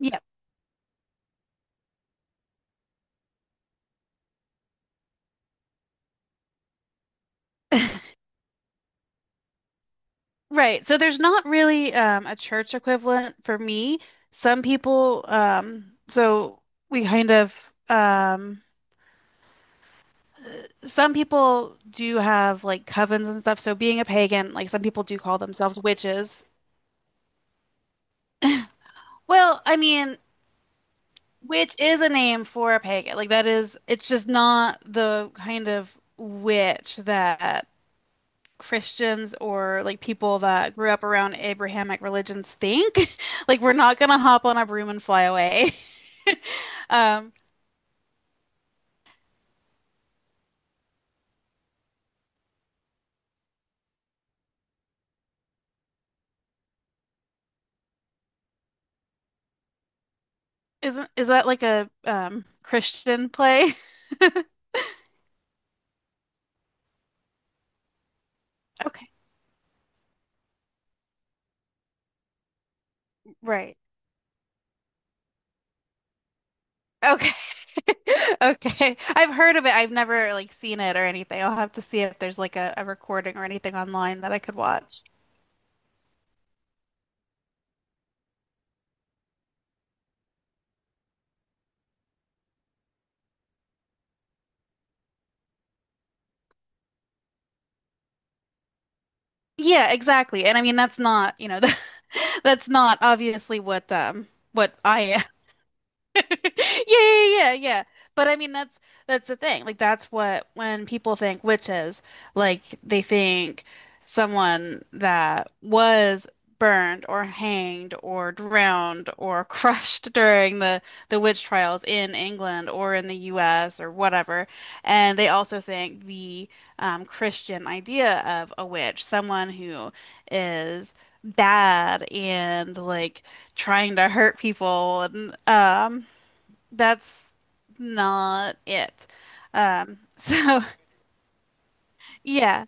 Yep. Right. So there's not really a church equivalent for me. Some people, we kind of, um, some people do have like covens and stuff. So being a pagan, like some people do call themselves witches. Well, I mean, witch is a name for a pagan. Like that is, it's just not the kind of witch that Christians or like people that grew up around Abrahamic religions think. Like we're not gonna hop on a broom and fly away. Um, isn't is that like a Christian play? Okay. Right. Okay. Okay. I've heard of it. I've never like seen it or anything. I'll have to see if there's like a recording or anything online that I could watch. Yeah, exactly. And I mean that's not, you know, that's not obviously what I Yeah, yeah, yeah, yeah. But I mean, that's the thing. Like, that's what when people think witches, like they think someone that was burned or hanged or drowned or crushed during the witch trials in England or in the U.S. or whatever. And they also think the Christian idea of a witch, someone who is bad and like trying to hurt people and that's not it. So yeah.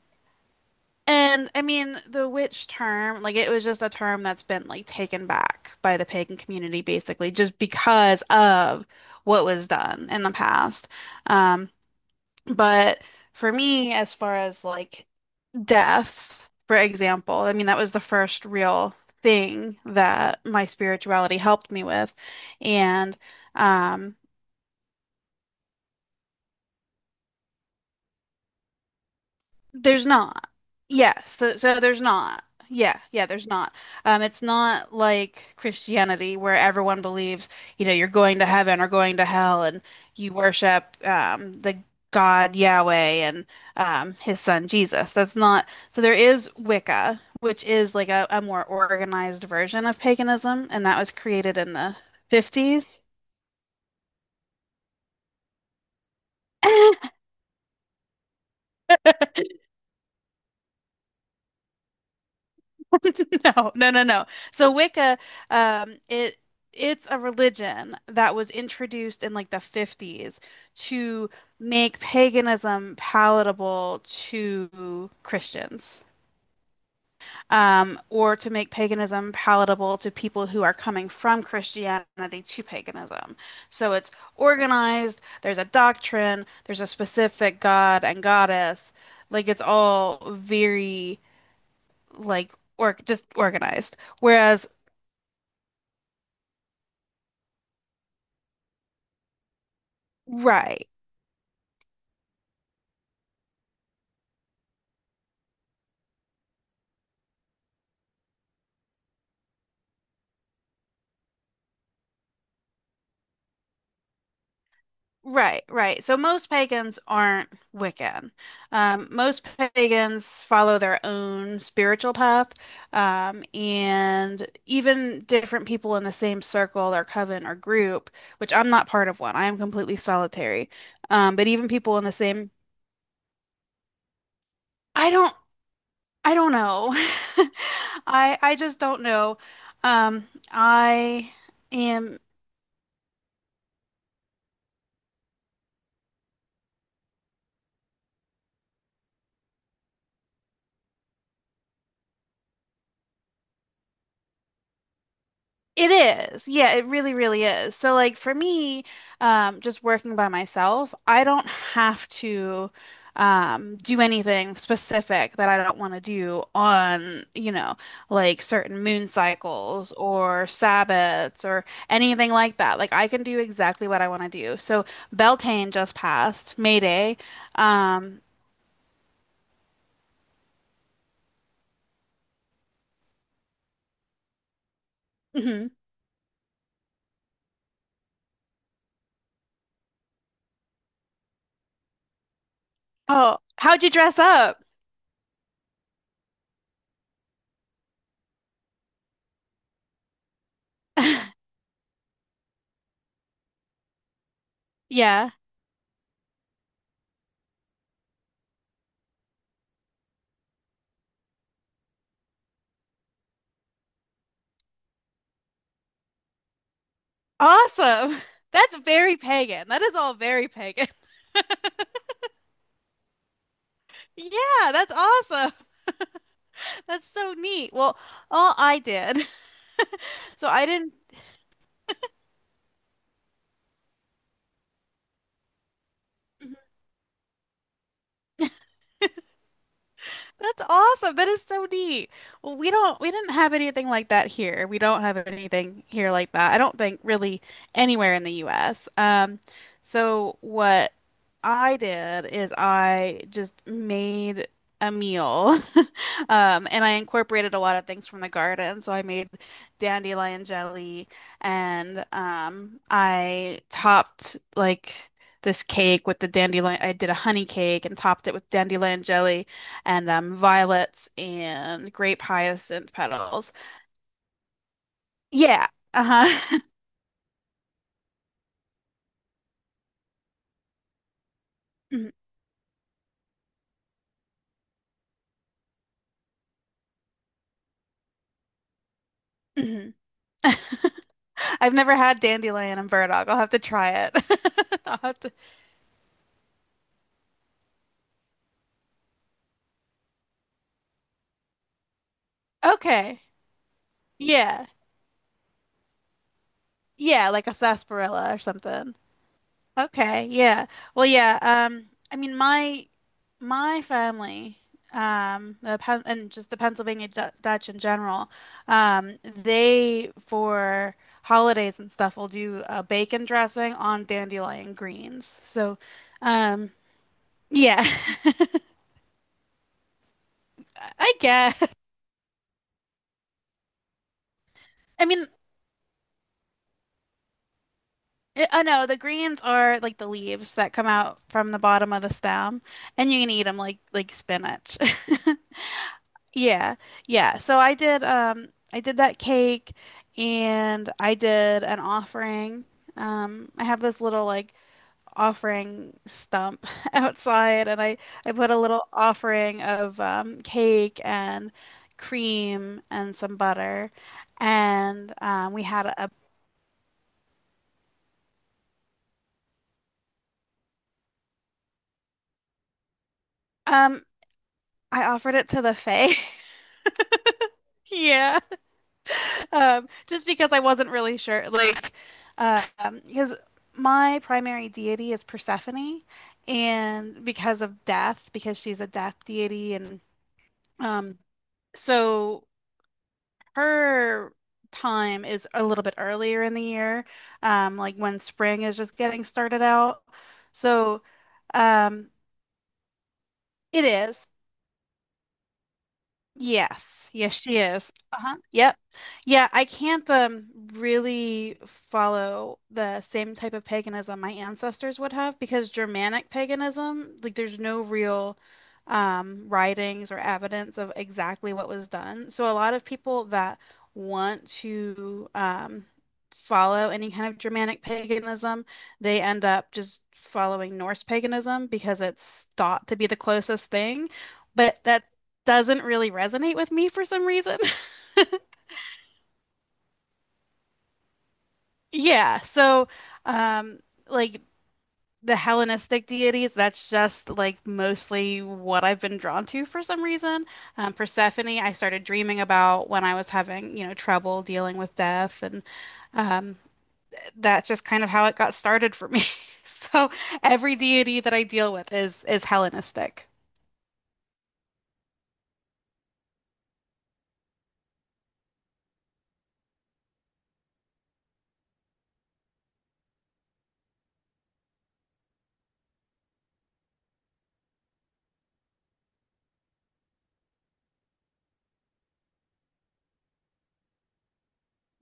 And I mean, the witch term, like it was just a term that's been like taken back by the pagan community basically just because of what was done in the past. Um, but for me, as far as like death, for example, I mean, that was the first real thing that my spirituality helped me with. And um There's not. Yeah, so there's not. Yeah, yeah, there's not. It's not like Christianity where everyone believes, you know, you're going to heaven or going to hell and you worship the God Yahweh and his son Jesus. That's not so there is Wicca, which is like a more organized version of paganism, and that was created in the 50s. No, no, no, no. So Wicca, um, it it's a religion that was introduced in like the 50s to make paganism palatable to Christians, or to make paganism palatable to people who are coming from Christianity to paganism. So it's organized, there's a doctrine, there's a specific god and goddess. Like it's all very like or just organized. Whereas Right, right. So most pagans aren't Wiccan. Most pagans follow their own spiritual path, and even different people in the same circle or coven or group, which I'm not part of one. I am completely solitary. But even people in the same, I don't, I don't know. I just don't know. I am. It is. Yeah, it really, really is. So, like for me, just working by myself, I don't have to do anything specific that I don't want to do on, you know, like certain moon cycles or Sabbats or anything like that. Like I can do exactly what I want to do. So Beltane just passed, May Day. Um, mhm. Oh, how'd you dress up? Yeah. Awesome. That's very pagan. That is all very pagan. Yeah, that's awesome. That's so neat. Well, all I did, so I didn't. Mhm. That's awesome. That is so neat. Well, we didn't have anything like that here. We don't have anything here like that. I don't think really anywhere in the US. So what I did is I just made a meal. And I incorporated a lot of things from the garden. So I made dandelion jelly and I topped like this cake with the dandelion. I did a honey cake and topped it with dandelion jelly and violets and grape hyacinth petals. Yeah. Uh-huh. Mhm, mhm. I've never had dandelion and burdock. I'll have to try it. I'll have to. Okay. Yeah. Yeah, like a sarsaparilla or something. Okay, yeah. Well, yeah, I mean my family the Pennsylvania Dutch in general, they for holidays and stuff will do a bacon dressing on dandelion greens. So, um yeah, I guess. I mean, I know the greens are like the leaves that come out from the bottom of the stem, and you can eat them like spinach. Yeah, yeah. So I did that cake and I did an offering. I have this little like offering stump outside and I put a little offering of cake and cream and some butter and we had a um I offered it to the Fae. Yeah. Just because I wasn't really sure, like, because my primary deity is Persephone, and because of death, because she's a death deity, and um, so her time is a little bit earlier in the year, like when spring is just getting started out. So, um, it is. Yes. Yes, she is. Uh-huh. Yep. Yeah, I can't really follow the same type of paganism my ancestors would have because Germanic paganism, like there's no real writings or evidence of exactly what was done. So a lot of people that want to follow any kind of Germanic paganism, they end up just following Norse paganism because it's thought to be the closest thing. But that doesn't really resonate with me for some reason. Yeah, so um like the Hellenistic deities, that's just like mostly what I've been drawn to for some reason. Persephone, I started dreaming about when I was having, you know, trouble dealing with death, and um, that's just kind of how it got started for me. So every deity that I deal with is Hellenistic.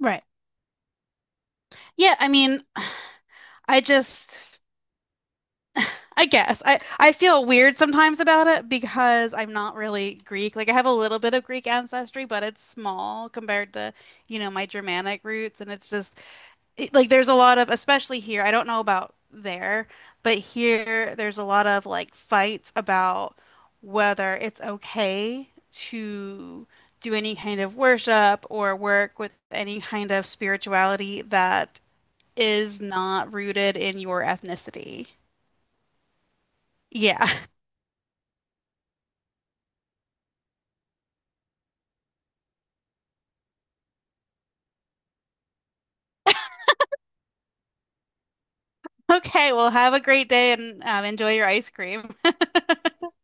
Right. Yeah, I mean, I just I guess. I feel weird sometimes about it because I'm not really Greek. Like I have a little bit of Greek ancestry, but it's small compared to, you know, my Germanic roots. And it's just like there's a lot of, especially here, I don't know about there, but here there's a lot of like fights about whether it's okay to do any kind of worship or work with any kind of spirituality that is not rooted in your ethnicity. Yeah. Okay, well, have a great day and enjoy your ice cream.